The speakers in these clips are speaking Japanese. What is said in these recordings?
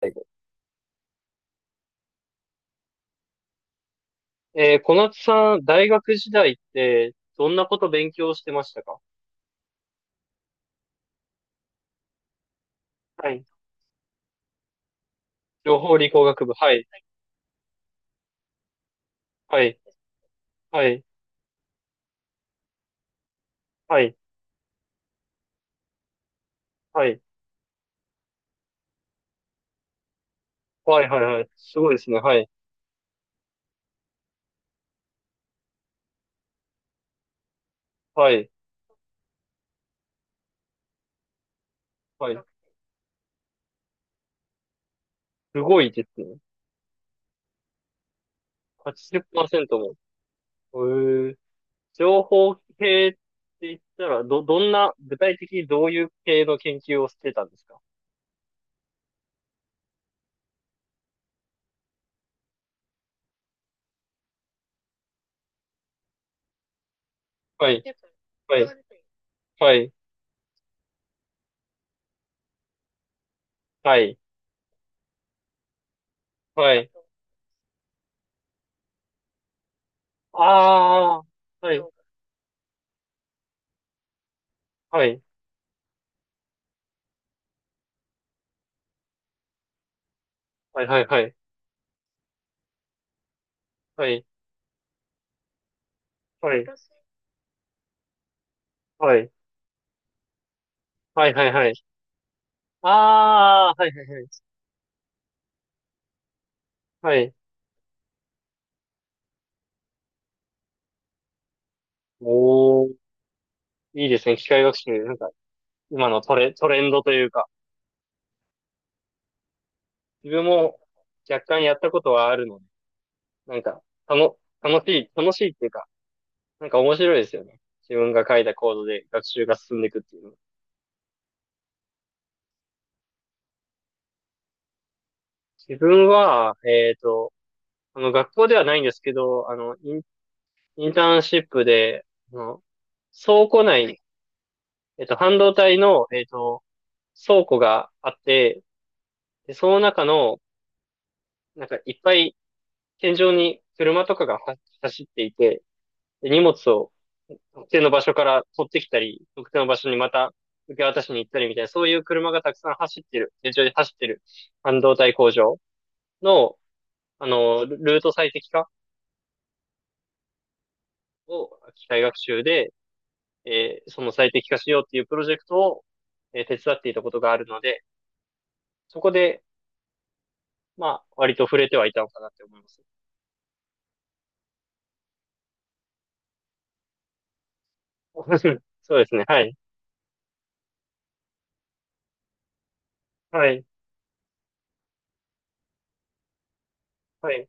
最後。小夏さん、大学時代って、どんなこと勉強してましたか？はい。情報理工学部。はい。はい。はい。はい。はい。はい。はい。はい。すごいですね。はい。はい。はい。すごいですね。80%も。へえ。情報系って言ったら、どんな、具体的にどういう系の研究をしてたんですか？はい。はい。はい。はい。はい。ああ。はい。はい。はい。はい。はい。はい。はいはい。はいはいはい。ああ、はいはいはい。はい。おー、いいですね。機械学習。なんか、今のトレンドというか、自分も若干やったことはあるので、なんか、たの、楽しい、楽しいっていうか、なんか面白いですよね。自分が書いたコードで学習が進んでいくっていうの。自分は、学校ではないんですけど、インターンシップで、あの、倉庫内、半導体の、倉庫があって、で、その中の、なんかいっぱい天井に車とかがは走っていて、で荷物を特定の場所から取ってきたり、特定の場所にまた受け渡しに行ったりみたいな、そういう車がたくさん走ってる、天井で走ってる半導体工場の、ルート最適化を機械学習で、その最適化しようっていうプロジェクトを、手伝っていたことがあるので、そこで、まあ、割と触れてはいたのかなって思います。そうですね。はい。はい。はい。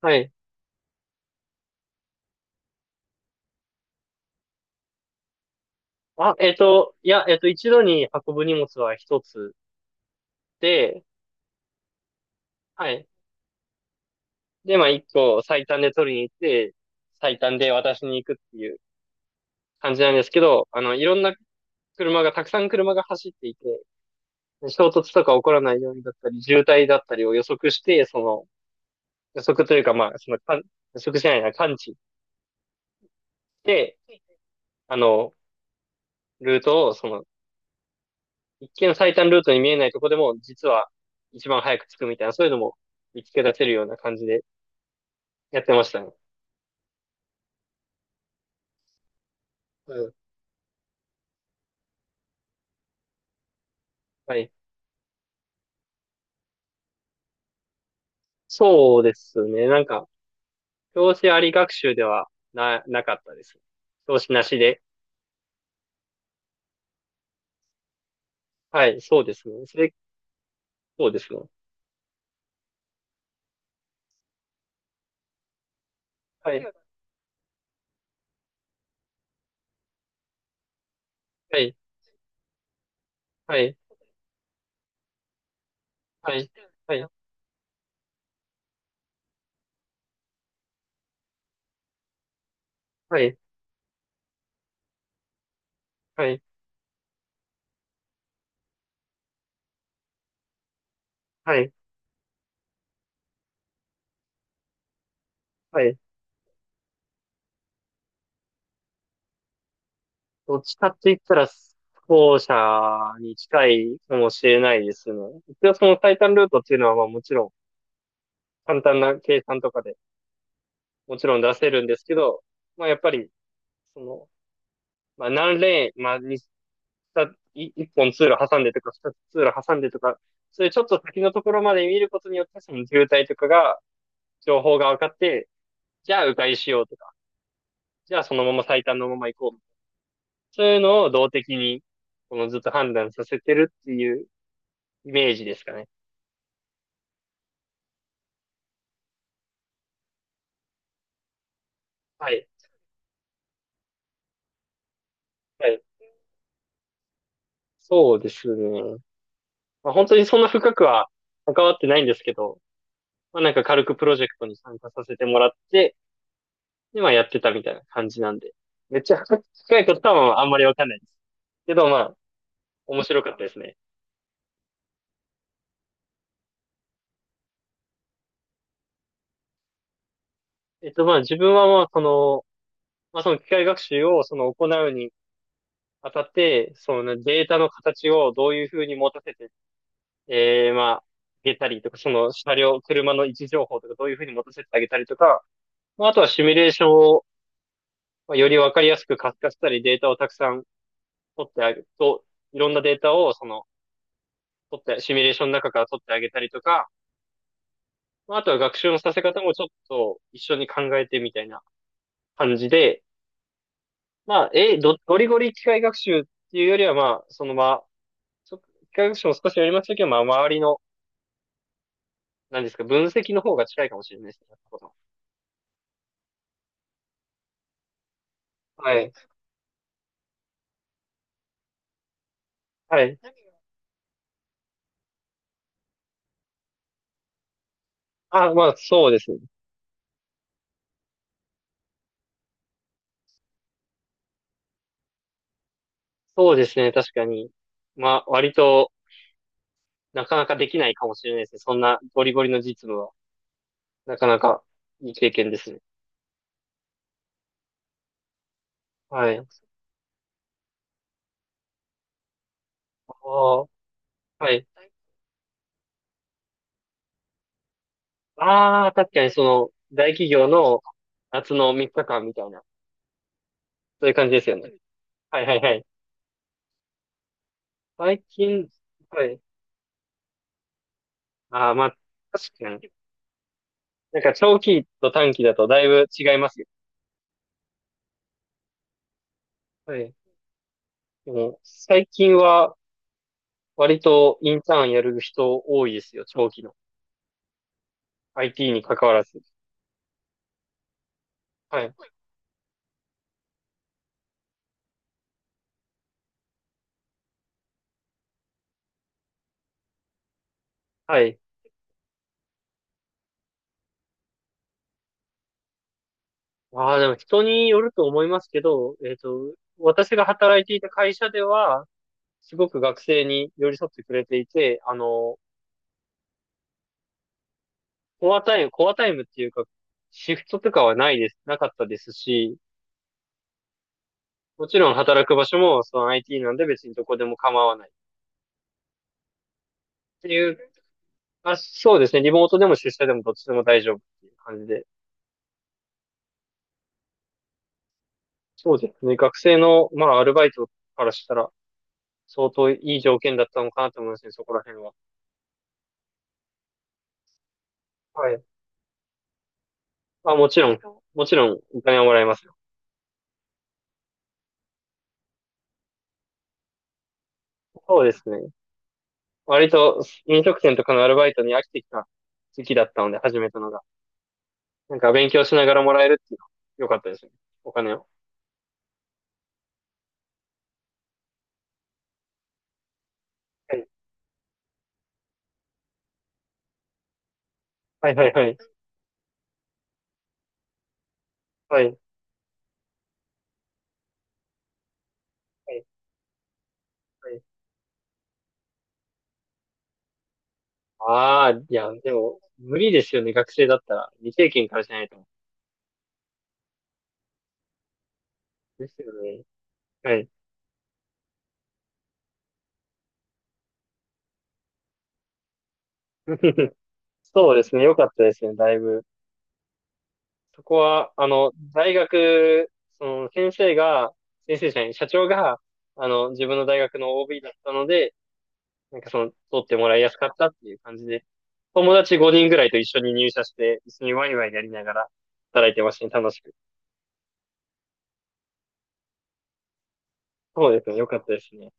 はい。あ、いや、一度に運ぶ荷物は一つで、はい。で、まあ、一個最短で取りに行って、最短で渡しに行くっていう感じなんですけど、いろんな車が、たくさん車が走っていて、衝突とか起こらないようにだったり、渋滞だったりを予測して、その、予測というか、まあ、その、予測しないな、感知して、あの、ルートを、その、一見最短ルートに見えないとこでも、実は一番早く着くみたいな、そういうのも見つけ出せるような感じでやってましたね。うん。はい。そうですね。なんか、教師あり学習ではなかったです。教師なしで。はい、そうですね。そうですね。はい、はい、はい、はい、はい、はい、はい、はい、はい。どっちかって言ったら、後者に近いかもしれないですね。一応その最短ルートっていうのは、まあもちろん、簡単な計算とかでもちろん出せるんですけど、まあやっぱり、その、まあ何レーン、まあ二一本通路挟んでとか、二つ通路挟んでとか、それちょっと先のところまで見ることによって、その渋滞とかが、情報が分かって、じゃあ迂回しようとか、じゃあそのまま最短のまま行こう。そういうのを動的に、このずっと判断させてるっていうイメージですかね。はい。はい。そうですね。まあ、本当にそんな深くは関わってないんですけど、まあなんか軽くプロジェクトに参加させてもらって、今やってたみたいな感じなんで。めっちゃ深いことはまあんまりわかんないです。けどまあ、面白かったですね。まあ、自分はまあ、その、まあ、その機械学習を、その、行うにあたって、そのデータの形をどういうふうに持たせて、まあ、あげたりとか、その車両、車の位置情報とか、どういうふうに持たせてあげたりとか、まあ、あとはシミュレーションを、まあ、よりわかりやすく活化したり、データをたくさん取ってあげると、いろんなデータを、その、取って、シミュレーションの中から取ってあげたりとか、まあ、あとは学習のさせ方もちょっと一緒に考えてみたいな感じで、まあ、ゴリゴリ機械学習っていうよりは、まあ、そのまあ、機械学習も少しやりましたけど、まあ、周りの、何ですか、分析の方が近いかもしれないですね。はい。はい。あ、まあ、そうですね。そうですね、確かに。まあ、割となかなかできないかもしれないですね。そんなゴリゴリの実務は、なかなかいい経験ですね。はい。あーはい。ああ、確かにその、大企業の夏の3日間みたいな、そういう感じですよね。はいはいはい。最近、はい。ああ、まあ、確かに。なんか長期と短期だとだいぶ違いますよ。はい。でも、最近は割とインターンやる人多いですよ、長期の。IT に関わらず。はい。はい。ああ、でも人によると思いますけど、私が働いていた会社では、すごく学生に寄り添ってくれていて、コアタイム、コアタイムっていうか、シフトとかはないです、なかったですし、もちろん働く場所もその IT なんで別にどこでも構わないっていう、あ、そうですね。リモートでも出社でもどっちでも大丈夫っていう感じで。そうですね。学生の、まあ、アルバイトからしたら、相当いい条件だったのかなと思いますね、そこら辺は。はい。あ、もちろん、もちろん、お金はもらえますよ。そうですね。割と、飲食店とかのアルバイトに飽きてきた時期だったので、始めたのが。なんか、勉強しながらもらえるっていうのは、良かったですね。お金を。はい。はい、はい、はい。はい。はい。ああー、いや、でも、無理ですよね、学生だったら。未経験からしないと。ですよね。はい。そうですね、良かったですね、だいぶ。そこは、大学、その、先生が、先生じゃない、社長が、自分の大学の OB だったので、なんかその、取ってもらいやすかったっていう感じで、友達5人ぐらいと一緒に入社して、一緒にワイワイやりながら働いてましたね、楽しく。そうですね、良かったですね。